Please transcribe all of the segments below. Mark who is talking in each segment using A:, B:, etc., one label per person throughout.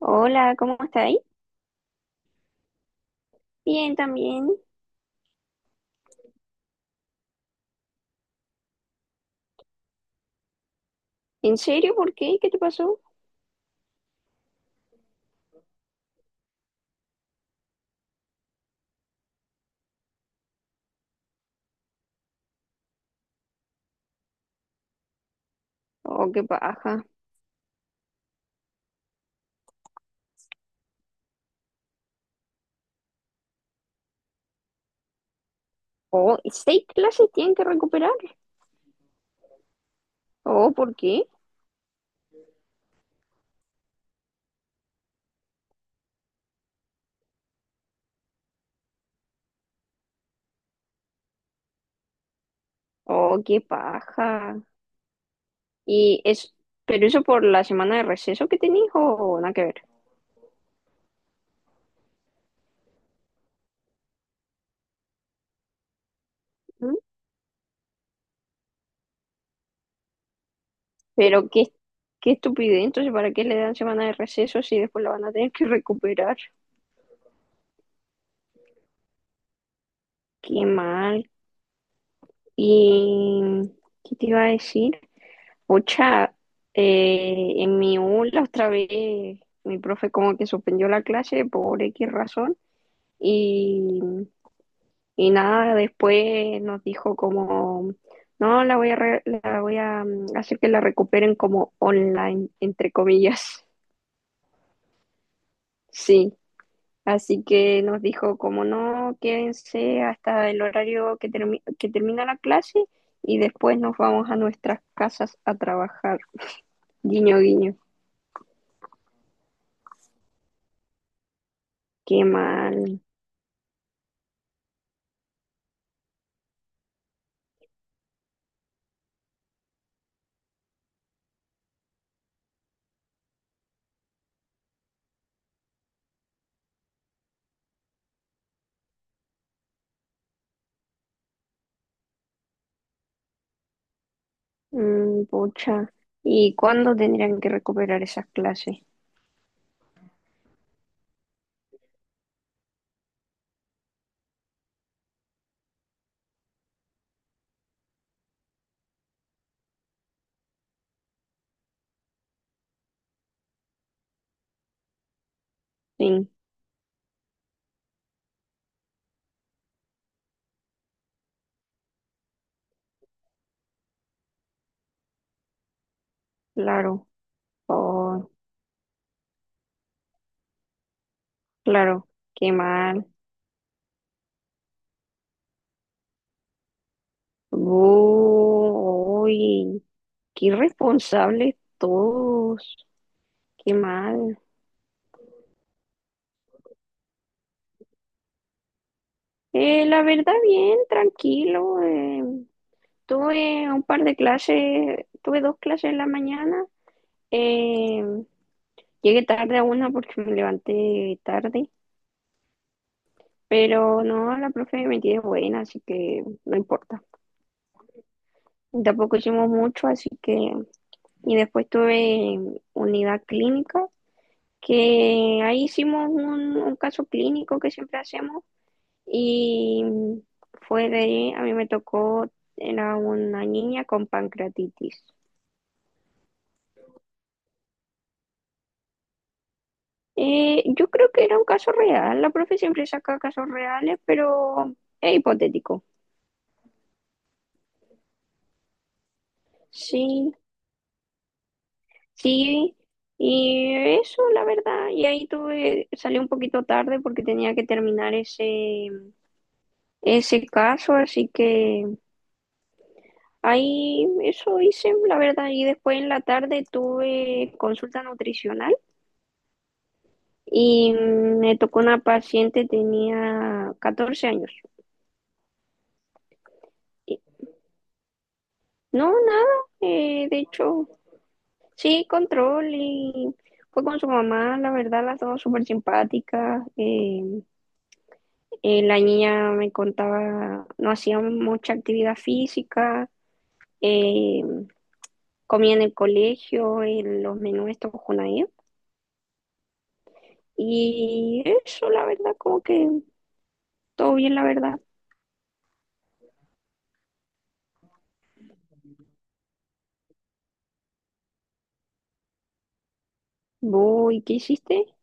A: Hola, ¿cómo estáis? Bien, también. ¿En serio? ¿Por qué? ¿Qué te pasó? Oh, qué paja. Oh, seis clases tienen que recuperar. Oh, ¿por qué? Oh, qué paja. Y es, pero eso por la semana de receso que tenéis o nada que ver. ¿Mm? Pero qué, qué estupidez. Entonces, ¿para qué le dan semana de receso si después la van a tener que recuperar? Qué mal. ¿Y qué te iba a decir? Pucha, en mi U la otra vez mi profe como que suspendió la clase por X razón y, y nada, después nos dijo como, no, la voy a, la voy a hacer que la recuperen como online, entre comillas. Sí, así que nos dijo como, no, quédense hasta el horario que, que termina la clase y después nos vamos a nuestras casas a trabajar. Guiño, guiño, qué mal. Mm, pucha. ¿Y cuándo tendrían que recuperar esas clases? Sí, claro. Oh, claro. Qué mal. Bu, uy, qué irresponsables todos. Qué mal. La verdad, bien, tranquilo. Tuve un par de clases, tuve dos clases en la mañana. eh, Llegué tarde a una porque me levanté tarde, pero no, la profe me tiene buena, así que no importa. Tampoco hicimos mucho, así que... Y después tuve unidad clínica, que ahí hicimos un caso clínico que siempre hacemos y fue de... A mí me tocó, era una niña con pancreatitis. Yo creo que era un caso real, la profe siempre saca casos reales, pero es hipotético. Sí, sí, y eso, la verdad, y ahí tuve, salí un poquito tarde porque tenía que terminar ese caso, así que ahí eso hice, la verdad, y después en la tarde tuve consulta nutricional y me tocó una paciente, tenía 14 años. Y- No, nada, de hecho, sí, control y fue con su mamá, la verdad, las dos súper simpáticas. La niña me contaba, no hacía mucha actividad física, eh, comía en el colegio, en los menús estos Junaed. Y eso, la verdad, como que todo bien, la verdad. Voy, ¿qué hiciste?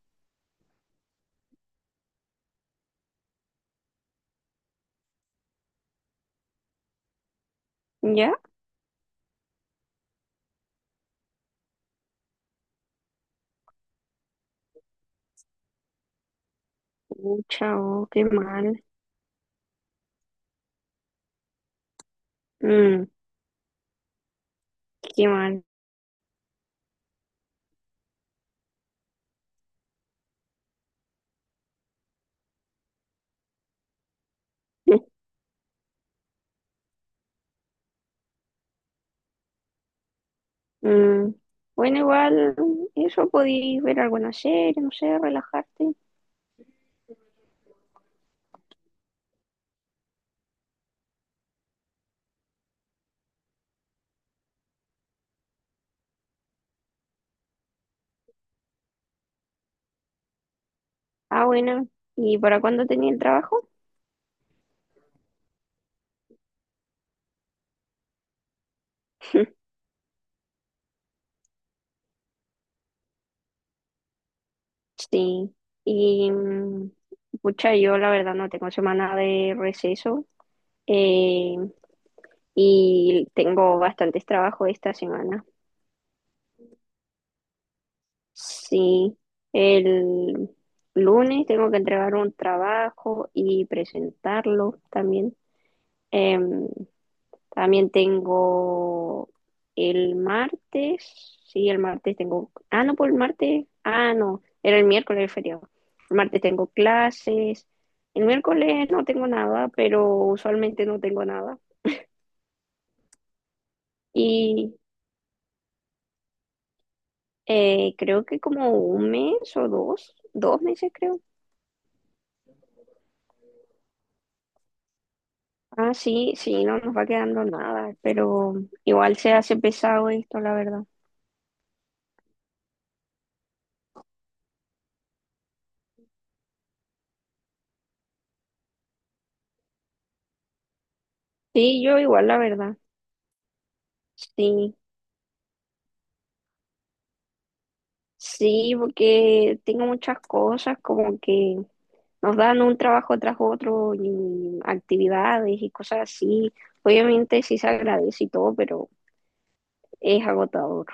A: ¿Ya? Pucha, oh, qué mal. Mm, qué mal. Mm, bueno, igual, eso podéis ver alguna serie, no sé, relajarte. Ah, bueno. ¿Y para cuándo tenía el trabajo? Sí. Y, mm, pucha, yo la verdad no tengo semana de receso. eh, y tengo bastantes trabajos esta semana. Sí, el lunes tengo que entregar un trabajo y presentarlo también. Em, también tengo el martes, sí, el martes tengo, ah, no, por el martes, ah, no, era el miércoles el feriado. El martes tengo clases, el miércoles no tengo nada, pero usualmente no tengo nada. Y creo que como un mes o dos meses creo. Ah, sí, sí, no nos va quedando nada, pero igual se hace pesado esto, la verdad. Sí, yo igual, la verdad. Sí, sí, porque tengo muchas cosas como que nos dan un trabajo tras otro y actividades y cosas así. Obviamente sí se agradece y todo, pero es agotador.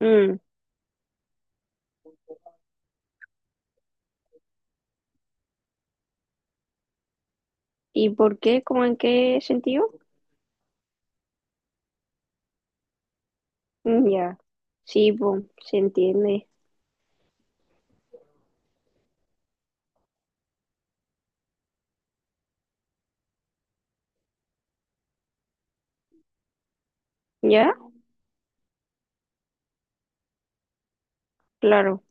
A: Mm, ¿y por qué? ¿Cómo en qué sentido? Mm, ya, sí, po, se entiende. ¿Ya? Claro,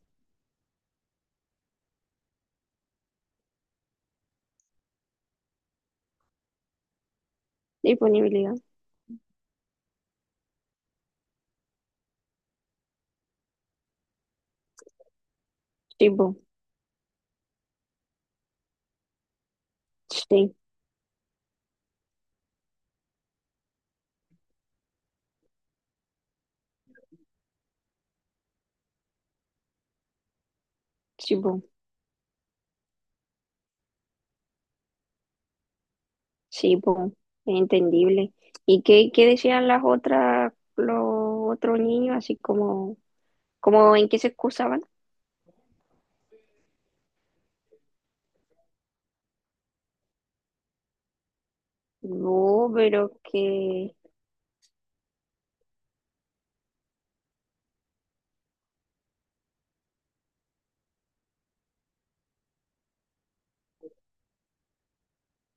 A: disponibilidad. Sí, po, sí, sí, po. Sí, pues, entendible. ¿Y qué, qué decían las otras, los otros niños, así como, como en qué se excusaban? No, pero que,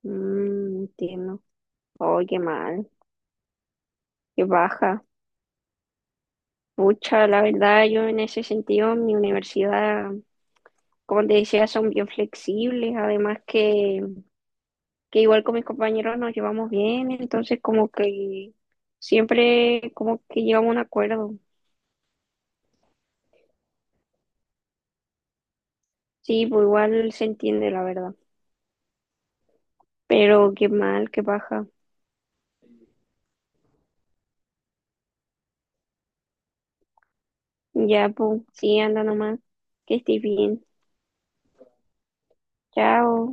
A: mm, entiendo. Oh, qué mal, qué baja. Pucha, la verdad, yo en ese sentido, en mi universidad, como te decía, son bien flexibles, además que igual con mis compañeros nos llevamos bien, entonces como que siempre como que llegamos a un acuerdo. Sí, pues igual se entiende, la verdad. Pero qué mal, qué baja. Ya, pues, sí, anda nomás. Que estés bien. Chao.